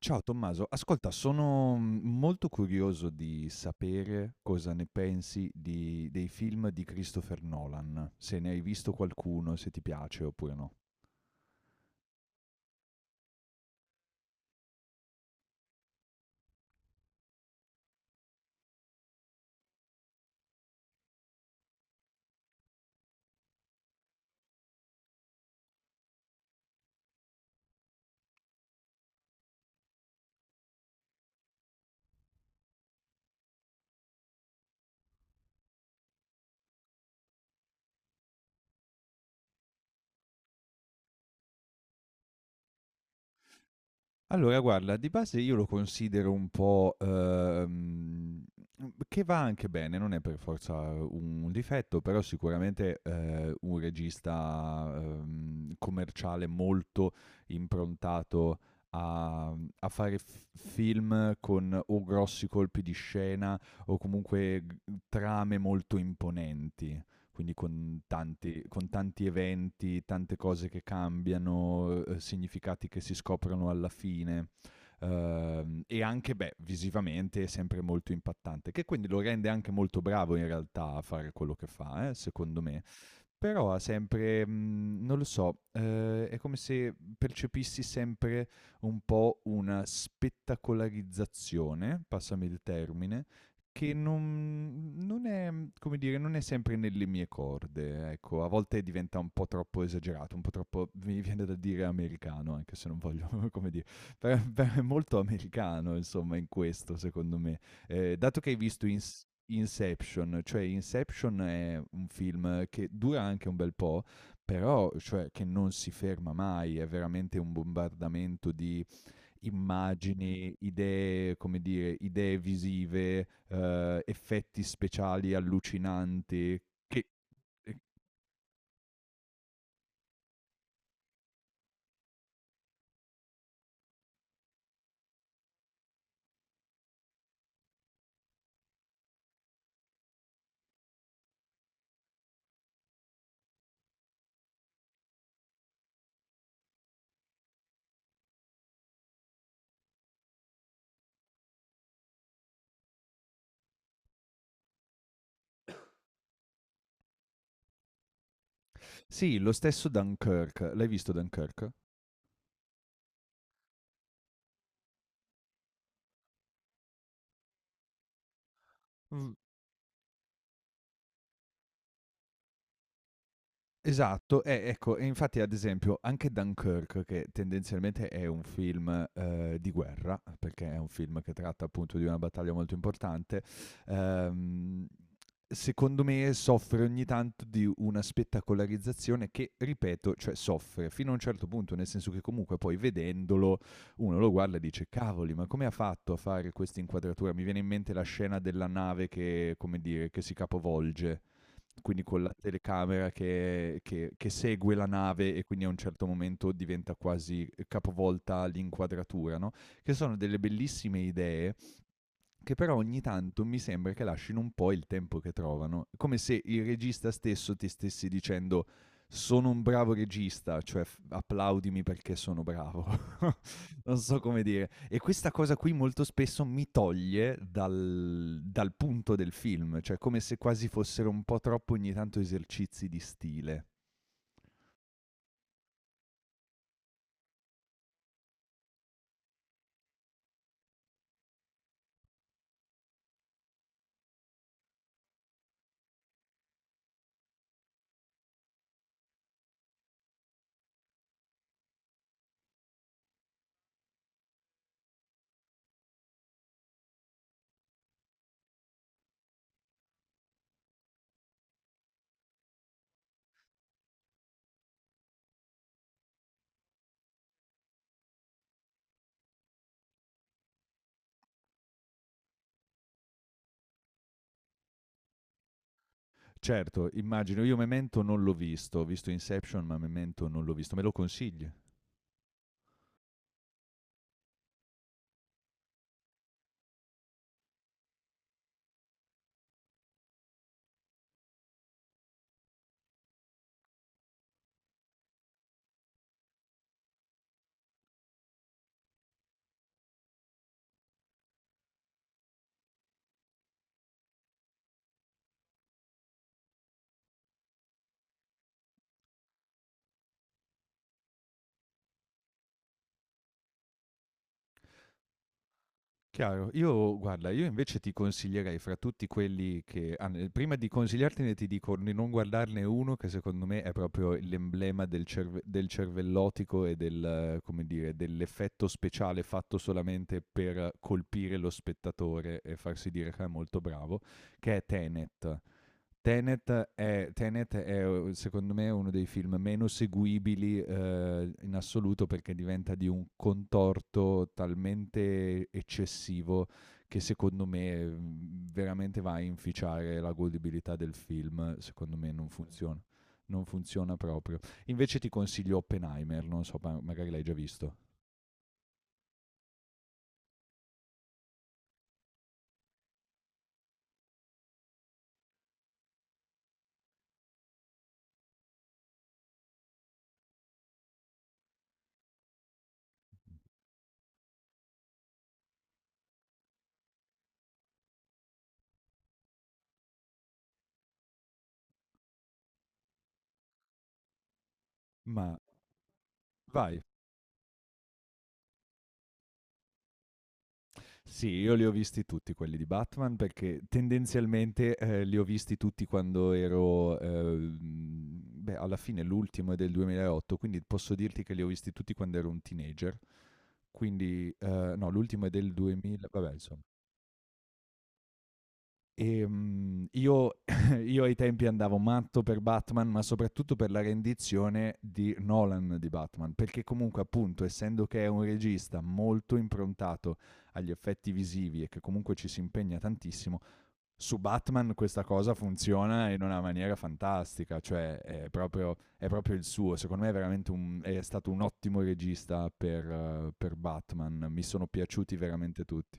Ciao Tommaso, ascolta, sono molto curioso di sapere cosa ne pensi dei film di Christopher Nolan, se ne hai visto qualcuno, se ti piace oppure no. Allora guarda, di base io lo considero un po', che va anche bene, non è per forza un difetto, però sicuramente, un regista, commerciale molto improntato a a fare f film con o grossi colpi di scena o comunque g trame molto imponenti, quindi con tanti eventi, tante cose che cambiano, significati che si scoprono alla fine. E anche, beh, visivamente è sempre molto impattante, che quindi lo rende anche molto bravo in realtà a fare quello che fa, secondo me. Però ha sempre, non lo so, è come se percepissi sempre un po' una spettacolarizzazione, passami il termine, che non è, come dire, non è sempre nelle mie corde, ecco. A volte diventa un po' troppo esagerato, un po' troppo mi viene da dire americano, anche se non voglio come dire, però è molto americano insomma in questo secondo me. Dato che hai visto in s Inception, cioè Inception è un film che dura anche un bel po', però cioè, che non si ferma mai, è veramente un bombardamento di immagini, idee, come dire, idee visive, effetti speciali allucinanti. Che... eh, Sì, lo stesso Dunkirk, l'hai visto Dunkirk? Esatto, ecco, e infatti ad esempio anche Dunkirk, che tendenzialmente è un film di guerra, perché è un film che tratta appunto di una battaglia molto importante, ehm, secondo me soffre ogni tanto di una spettacolarizzazione che, ripeto, cioè soffre fino a un certo punto, nel senso che comunque poi vedendolo uno lo guarda e dice cavoli, ma come ha fatto a fare questa inquadratura? Mi viene in mente la scena della nave che, come dire, che si capovolge, quindi con la telecamera che segue la nave e quindi a un certo momento diventa quasi capovolta l'inquadratura, no, che sono delle bellissime idee che però ogni tanto mi sembra che lasciano un po' il tempo che trovano, come se il regista stesso ti stessi dicendo sono un bravo regista, cioè applaudimi perché sono bravo. Non so come dire. E questa cosa qui molto spesso mi toglie dal punto del film, cioè come se quasi fossero un po' troppo ogni tanto esercizi di stile. Certo, immagino, io Memento non l'ho visto, ho visto Inception, ma Memento non l'ho visto. Me lo consigli? Chiaro. Io guarda, io invece ti consiglierei fra tutti quelli che ah, n prima di consigliartene ti dico di non guardarne uno che secondo me è proprio l'emblema del cervellotico e del come dire, dell'effetto speciale fatto solamente per colpire lo spettatore e farsi dire che è molto bravo, che è Tenet. Secondo me uno dei film meno seguibili in assoluto perché diventa di un contorto talmente eccessivo che secondo me veramente va a inficiare la godibilità del film, secondo me non funziona proprio. Invece ti consiglio Oppenheimer, non so, magari l'hai già visto. Ma vai, sì, io li ho visti tutti quelli di Batman perché tendenzialmente, li ho visti tutti quando ero beh, alla fine l'ultimo è del 2008, quindi posso dirti che li ho visti tutti quando ero un teenager. Quindi, no, l'ultimo è del 2000 vabbè insomma. Io io ai tempi andavo matto per Batman, ma soprattutto per la rendizione di Nolan di Batman, perché comunque appunto, essendo che è un regista molto improntato agli effetti visivi e che comunque ci si impegna tantissimo su Batman, questa cosa funziona in una maniera fantastica, cioè è proprio il suo, secondo me è veramente è stato un ottimo regista per Batman, mi sono piaciuti veramente tutti.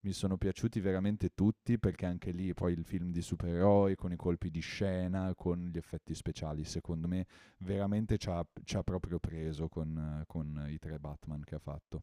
Mi sono piaciuti veramente tutti perché anche lì poi il film di supereroi con i colpi di scena, con gli effetti speciali, secondo me veramente ci ha proprio preso con i tre Batman che ha fatto.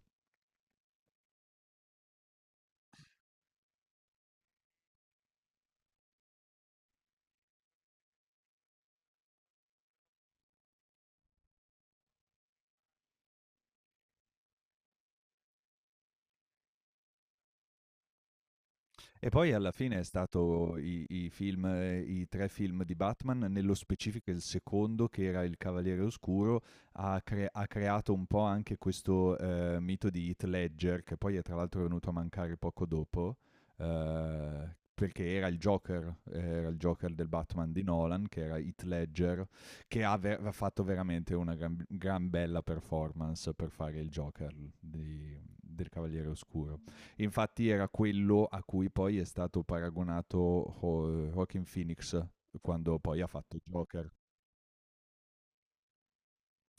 E poi alla fine è stato i i film i 3 film di Batman, nello specifico il secondo che era Il Cavaliere Oscuro, ha creato un po' anche questo, mito di Heath Ledger, che poi è tra l'altro venuto a mancare poco dopo, perché era il Joker del Batman di Nolan, che era Heath Ledger, che ha fatto veramente una gran bella performance per fare il Joker di del Cavaliere Oscuro. Infatti era quello a cui poi è stato paragonato Joaquin Phoenix quando poi ha fatto Joker.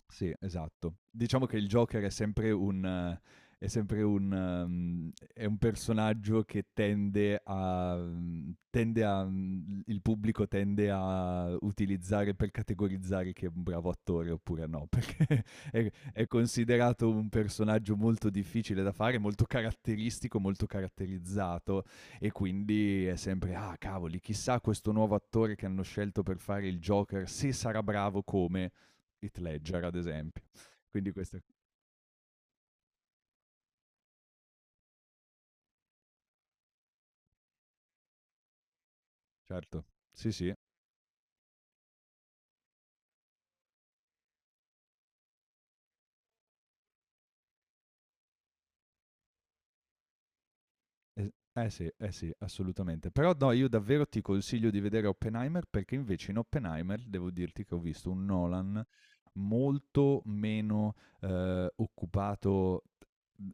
Sì, esatto. Diciamo che il Joker è sempre un... è sempre è un personaggio che il pubblico tende a utilizzare per categorizzare che è un bravo attore oppure no, per è considerato un personaggio molto difficile da fare, molto caratteristico, molto caratterizzato e quindi è sempre, ah cavoli, chissà questo nuovo attore che hanno scelto per fare il Joker, se sarà bravo come Heath Ledger, ad esempio. Quindi questo, certo, sì sì. Eh sì, eh sì, assolutamente. Però no, io davvero ti consiglio di vedere Oppenheimer perché invece in Oppenheimer devo dirti che ho visto un Nolan molto meno occupato,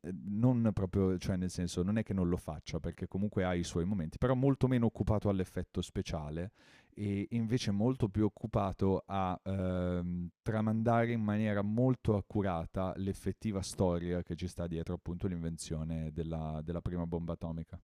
non proprio, cioè nel senso non è che non lo faccia perché comunque ha i suoi momenti, però molto meno occupato all'effetto speciale e invece molto più occupato a tramandare in maniera molto accurata l'effettiva storia che ci sta dietro appunto l'invenzione della prima bomba atomica.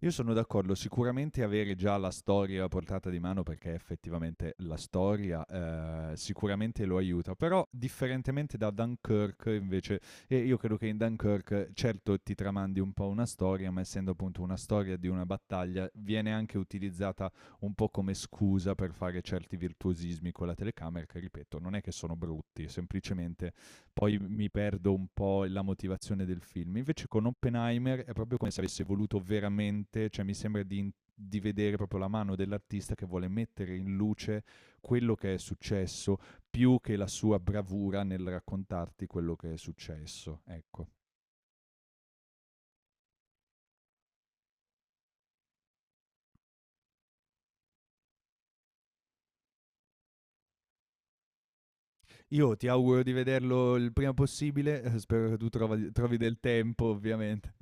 Io sono d'accordo, sicuramente avere già la storia a portata di mano perché effettivamente la storia sicuramente lo aiuta, però differentemente da Dunkirk invece, e io credo che in Dunkirk certo ti tramandi un po' una storia, ma essendo appunto una storia di una battaglia viene anche utilizzata un po' come scusa per fare certi virtuosismi con la telecamera che ripeto non è che sono brutti, semplicemente poi mi perdo un po' la motivazione del film. Invece con Oppenheimer è proprio come se avesse voluto veramente, cioè mi sembra di, di vedere proprio la mano dell'artista che vuole mettere in luce quello che è successo più che la sua bravura nel raccontarti quello che è successo. Ecco. Io ti auguro di vederlo il prima possibile, spero che trovi del tempo ovviamente.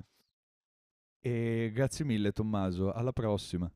E grazie mille Tommaso, alla prossima.